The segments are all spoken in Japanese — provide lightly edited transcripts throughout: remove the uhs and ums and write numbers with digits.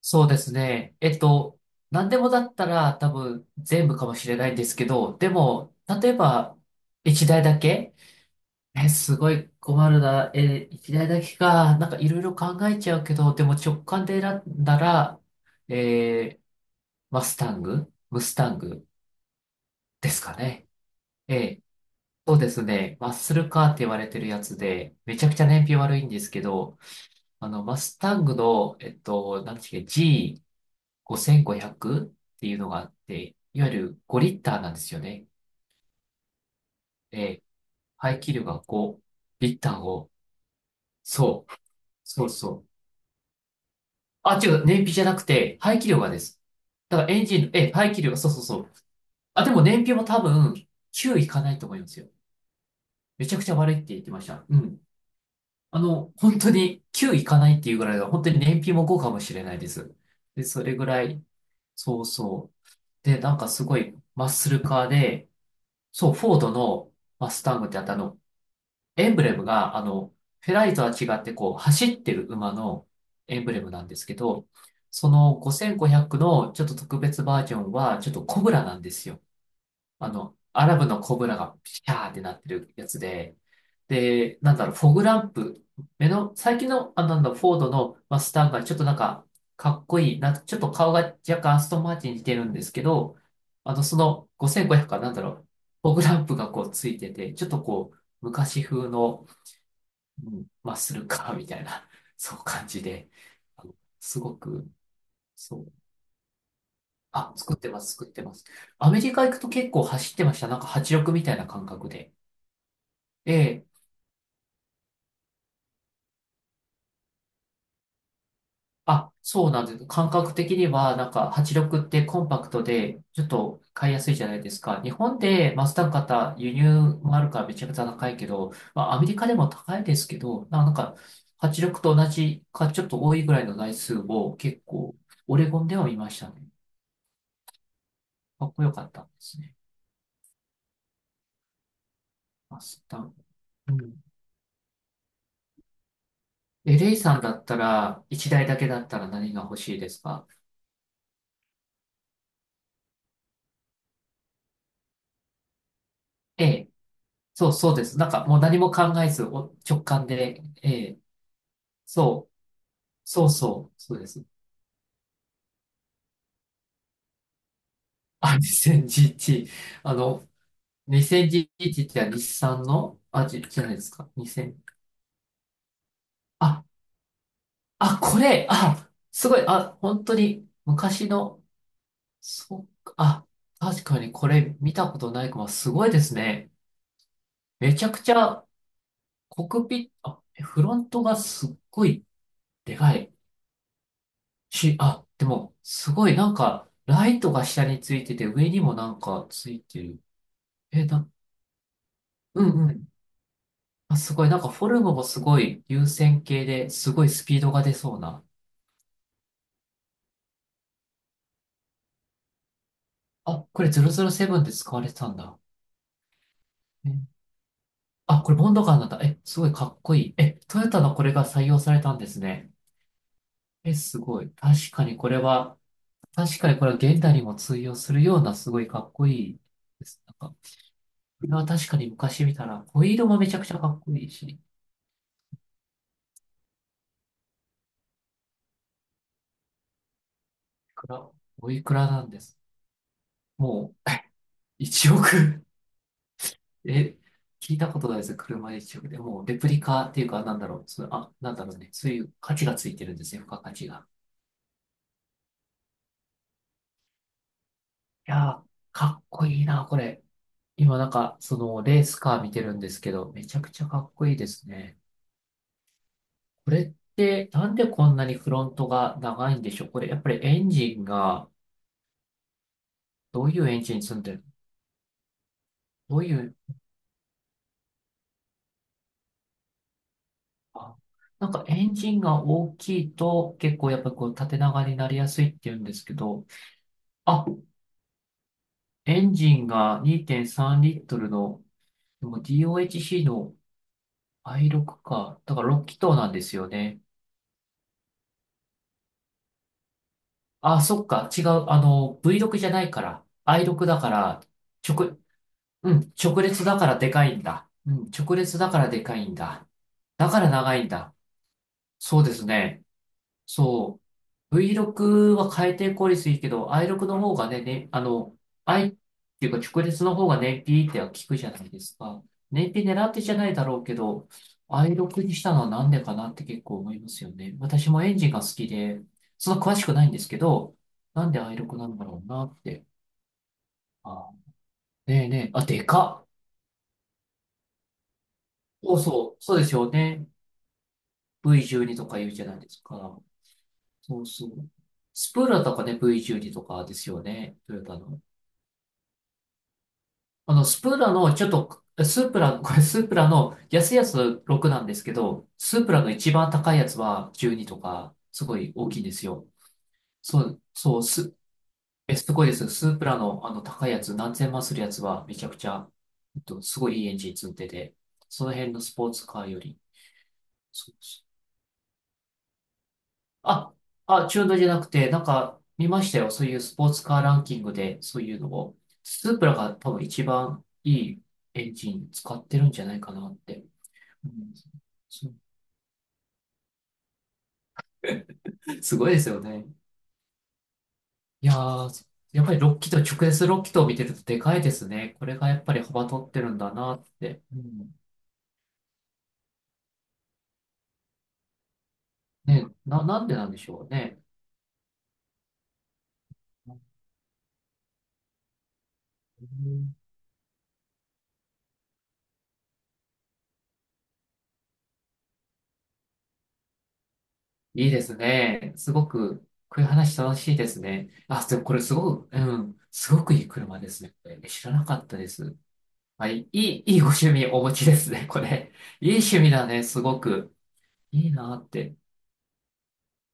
そうですね。何でもだったら多分全部かもしれないんですけど、でも、例えば、一台だけえ、すごい困るな。え、一台だけか。なんかいろいろ考えちゃうけど、でも直感で選んだら、えーマスタングですかね。ええ、そうですね。マッスルカーって言われてるやつで、めちゃくちゃ燃費悪いんですけど、マスタングの、なんていうっけ、G5500 っていうのがあって、いわゆる5リッターなんですよね。で、排気量が5リッターを、そう、そうそう。あ、違う、燃費じゃなくて、排気量がです。だからエンジン、え、排気量が、そうそうそう。あ、でも燃費も多分、9いかないと思いますよ。めちゃくちゃ悪いって言ってました。うん。本当に9いかないっていうぐらいだ本当に燃費も5かもしれないです。で、それぐらい、そうそう。で、なんかすごいマッスルカーで、そう、フォードのマスタングってあったエンブレムが、フェラーリとは違って、こう、走ってる馬のエンブレムなんですけど、その5500のちょっと特別バージョンは、ちょっとコブラなんですよ。アラブのコブラがピシャーってなってるやつで、で、なんだろう、フォグランプ、目の、最近の、あ、なんだ、フォードのマスターがちょっとなんか、かっこいい、な、ちょっと顔が若干アストンマーチンに似てるんですけど、その5500かなんだろう、フォグランプがこうついてて、ちょっとこう、昔風の、うん、マッスルカーみたいな、そう感じで、あのすごく、そう、あ、作ってます、作ってます。アメリカ行くと結構走ってました。なんか86みたいな感覚で。ええ。あ、そうなんです。感覚的には、なんか、8力ってコンパクトで、ちょっと買いやすいじゃないですか。日本でマスダ型輸入もあるからめちゃくちゃ高いけど、まあ、アメリカでも高いですけど、なんか、8力と同じか、ちょっと多いぐらいの台数を結構、オレゴンでは見ましたね。かっこよかったんですね。マスダ。うん。え、レイさんだったら、1台だけだったら何が欲しいですか？ええ。そう、そうです。なんか、もう何も考えず、直感で、ええ、そう、そうそう、そうです。あ、2011。あの、2011って日産の、あ、じゃないですか。にせんあ、あ、これ、あ、すごい、あ、本当に昔の、そっか、あ、確かにこれ見たことないかも、すごいですね。めちゃくちゃ、コクピット、あ、フロントがすっごいでかいし、あ、でも、すごいなんか、ライトが下についてて、上にもなんかついてる。え、な、うんうん。あ、すごい。なんかフォルムもすごい優先形ですごいスピードが出そうな。あ、これ007で使われてたんだ。え、あ、これボンドガンなんだ。え、すごいかっこいい。え、トヨタのこれが採用されたんですね。え、すごい。確かにこれは現代にも通用するようなすごいかっこいいです。なんか、これは確かに昔見たら、ホイールもめちゃくちゃかっこいいし、いくら、おいくらなんです？もう、1億。え、聞いたことないです。車一色で。もう、レプリカっていうか、なんだろう。そう、あ、なんだろうね。そういう価値がついてるんですね。付加価値が。いやー、かっこいいな、これ。今、なんか、その、レースカー見てるんですけど、めちゃくちゃかっこいいですね。これって、なんでこんなにフロントが長いんでしょう？これ、やっぱりエンジンが、どういうエンジン積んでるどういう、あ、なんかエンジンが大きいと、結構やっぱこう、縦長になりやすいっていうんですけど、あ、エンジンが2.3リットルの、でも DOHC の i6 か。だから6気筒なんですよね。あ、そっか。違う。V6 じゃないから。i6 だから、直、うん、直列だからでかいんだ。うん、直列だからでかいんだ。だから長いんだ。そうですね。そう。V6 は回転効率いいけど、I6 の方がね、ね、I っていうか直列の方が燃費っては効くじゃないですか。燃費狙ってじゃないだろうけど、I6 にしたのはなんでかなって結構思いますよね。私もエンジンが好きで、そんな詳しくないんですけど、なんで I6 なんだろうなって。あ、ねえねえ、あ、でかっ。そうそう、そうですよね。V12 とか言うじゃないですか。そうそう。スプーラとかね、V12 とかですよね。トヨタの。スープラの、これスープラの安いやつ6なんですけど、スープラの一番高いやつは12とか、すごい大きいんですよ。そう、そう、すごいです。スープラのあの高いやつ、何千万するやつはめちゃくちゃ、すごいいいエンジン積んでて、その辺のスポーツカーより、そうそう、あ、あ、中途じゃなくて、なんか見ましたよ。そういうスポーツカーランキングで、そういうのを。スープラが多分一番いいエンジン使ってるんじゃないかなって。うん、そう、すごいですよね。いやー、やっぱりキーと直接6気筒を見てるとでかいですね。これがやっぱり幅取ってるんだなって。うん、なんでなんでしょうね。うん、いいですね。すごく、こういう話楽しいですね。あ、でもこれすごく、うん、すごくいい車ですね。これ知らなかったです。はい、いいご趣味お持ちですね、これ。いい趣味だね、すごく。いいなって。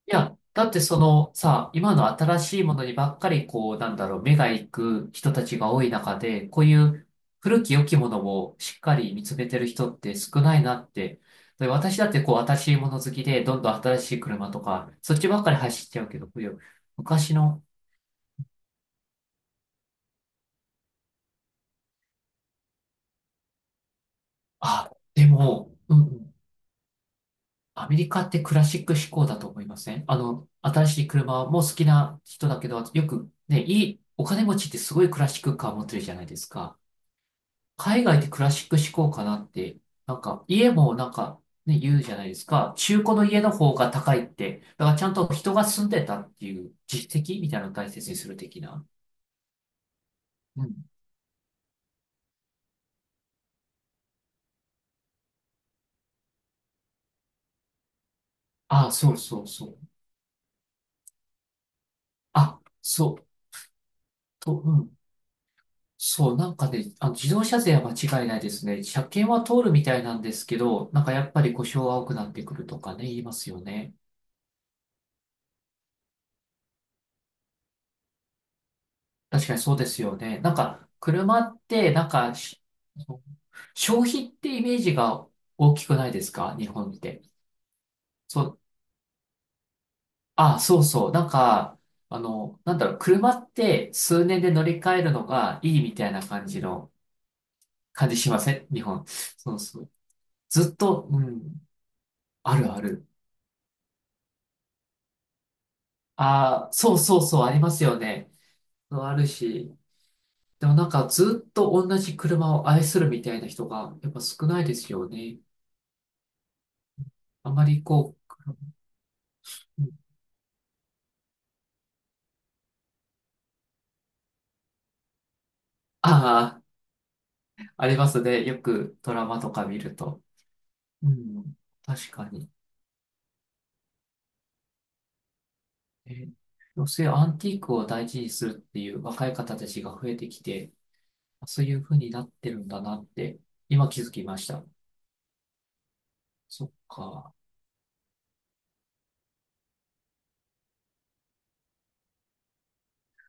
いや、だってそのさ、今の新しいものにばっかりこう、なんだろう、目が行く人たちが多い中で、こういう古き良きものをしっかり見つめてる人って少ないなって。で私だってこう、新しいもの好きで、どんどん新しい車とか、そっちばっかり走っちゃうけど、こういう昔の、あ、でも、うんうん、アメリカってクラシック志向だと思いません？新しい車も好きな人だけど、よくね、お金持ちってすごいクラシックカー持ってるじゃないですか。海外ってクラシック志向かなって、なんか家もなんかね、言うじゃないですか。中古の家の方が高いって。だからちゃんと人が住んでたっていう実績みたいなのを大切にする的な。うん。ああ、そうそうそう。あ、そう、と、うん。そう、自動車税は間違いないですね。車検は通るみたいなんですけど、なんかやっぱり故障が多くなってくるとかね、言いますよね。確かにそうですよね。なんか、車って、なんかし、消費ってイメージが大きくないですか日本って。そう、あ、そうそう。なんか、なんだろう、車って数年で乗り換えるのがいいみたいな感じの、感じしません日本。そうそう。ずっと、うん、あるある。ああ、そうそうそう、ありますよね。そうあるし。でもなんか、ずっと同じ車を愛するみたいな人が、やっぱ少ないですよね。あまりこう、ああ、ありますね。よくドラマとか見ると。うん、確かに。え、女性アンティークを大事にするっていう若い方たちが増えてきて、そういう風になってるんだなって、今気づきました。そっか。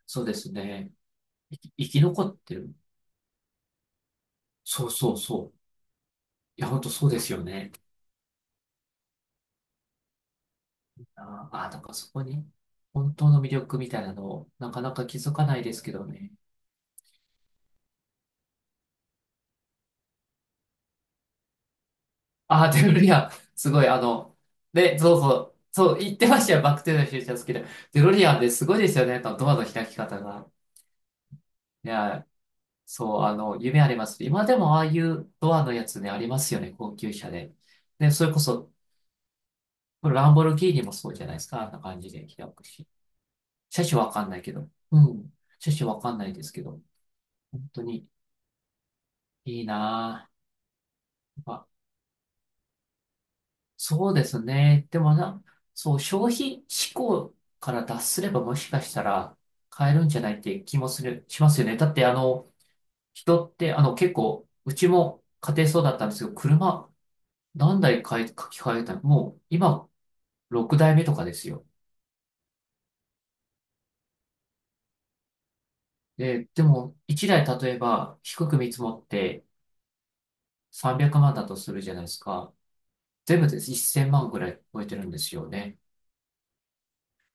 そうですね。生き残ってる。そうそうそう。いや、本当そうですよね。あーあー、だからそこに本当の魅力みたいなのをなかなか気づかないですけどね。ああ、手振リアすごい、そうそう、そう、言ってましたよ、バックテーザフューチャー好きで。デロリアンですごいですよね、あのドアの開き方が。いや、夢あります。今でもああいうドアのやつね、ありますよね、高級車で。で、それこそ、これランボルギーニもそうじゃないですか、あんな感じで開くし。車種わかんないけど。うん、車種わかんないですけど、本当にいいなぁ。そうですね。でもな、そう、消費思考から脱すればもしかしたら買えるんじゃないって気もする、しますよね。だってあの、人ってあの結構、うちも家庭そうだったんですけど、車何台買い、書き換えたのもう今6台目とかですよ。で、でも1台例えば低く見積もって300万だとするじゃないですか。全部で1000万ぐらい超えてるんですよね。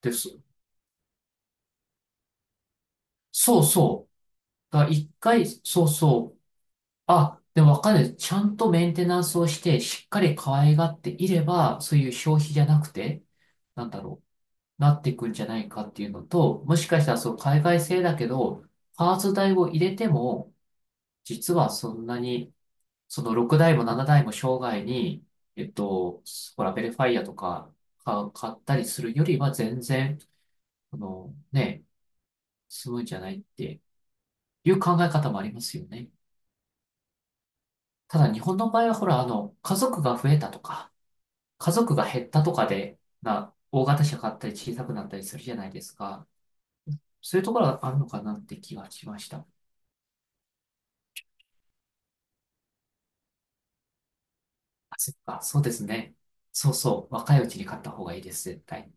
で、そそうそう。だから一回、そうそう。あ、でもわかる。ちゃんとメンテナンスをして、しっかり可愛がっていれば、そういう消費じゃなくて、なんだろう、なっていくんじゃないかっていうのと、もしかしたらそう海外製だけど、パーツ代を入れても、実はそんなに、その6台も7台も生涯に、えっと、ほら、ベルファイアとか買ったりするよりは全然、あの、ね、済むんじゃないっていう考え方もありますよね。ただ日本の場合はほら、あの、家族が増えたとか、家族が減ったとかで、大型車買ったり小さくなったりするじゃないですか。そういうところがあるのかなって気がしました。あ、そっか、そうですね。そうそう、若いうちに買った方がいいです、絶対。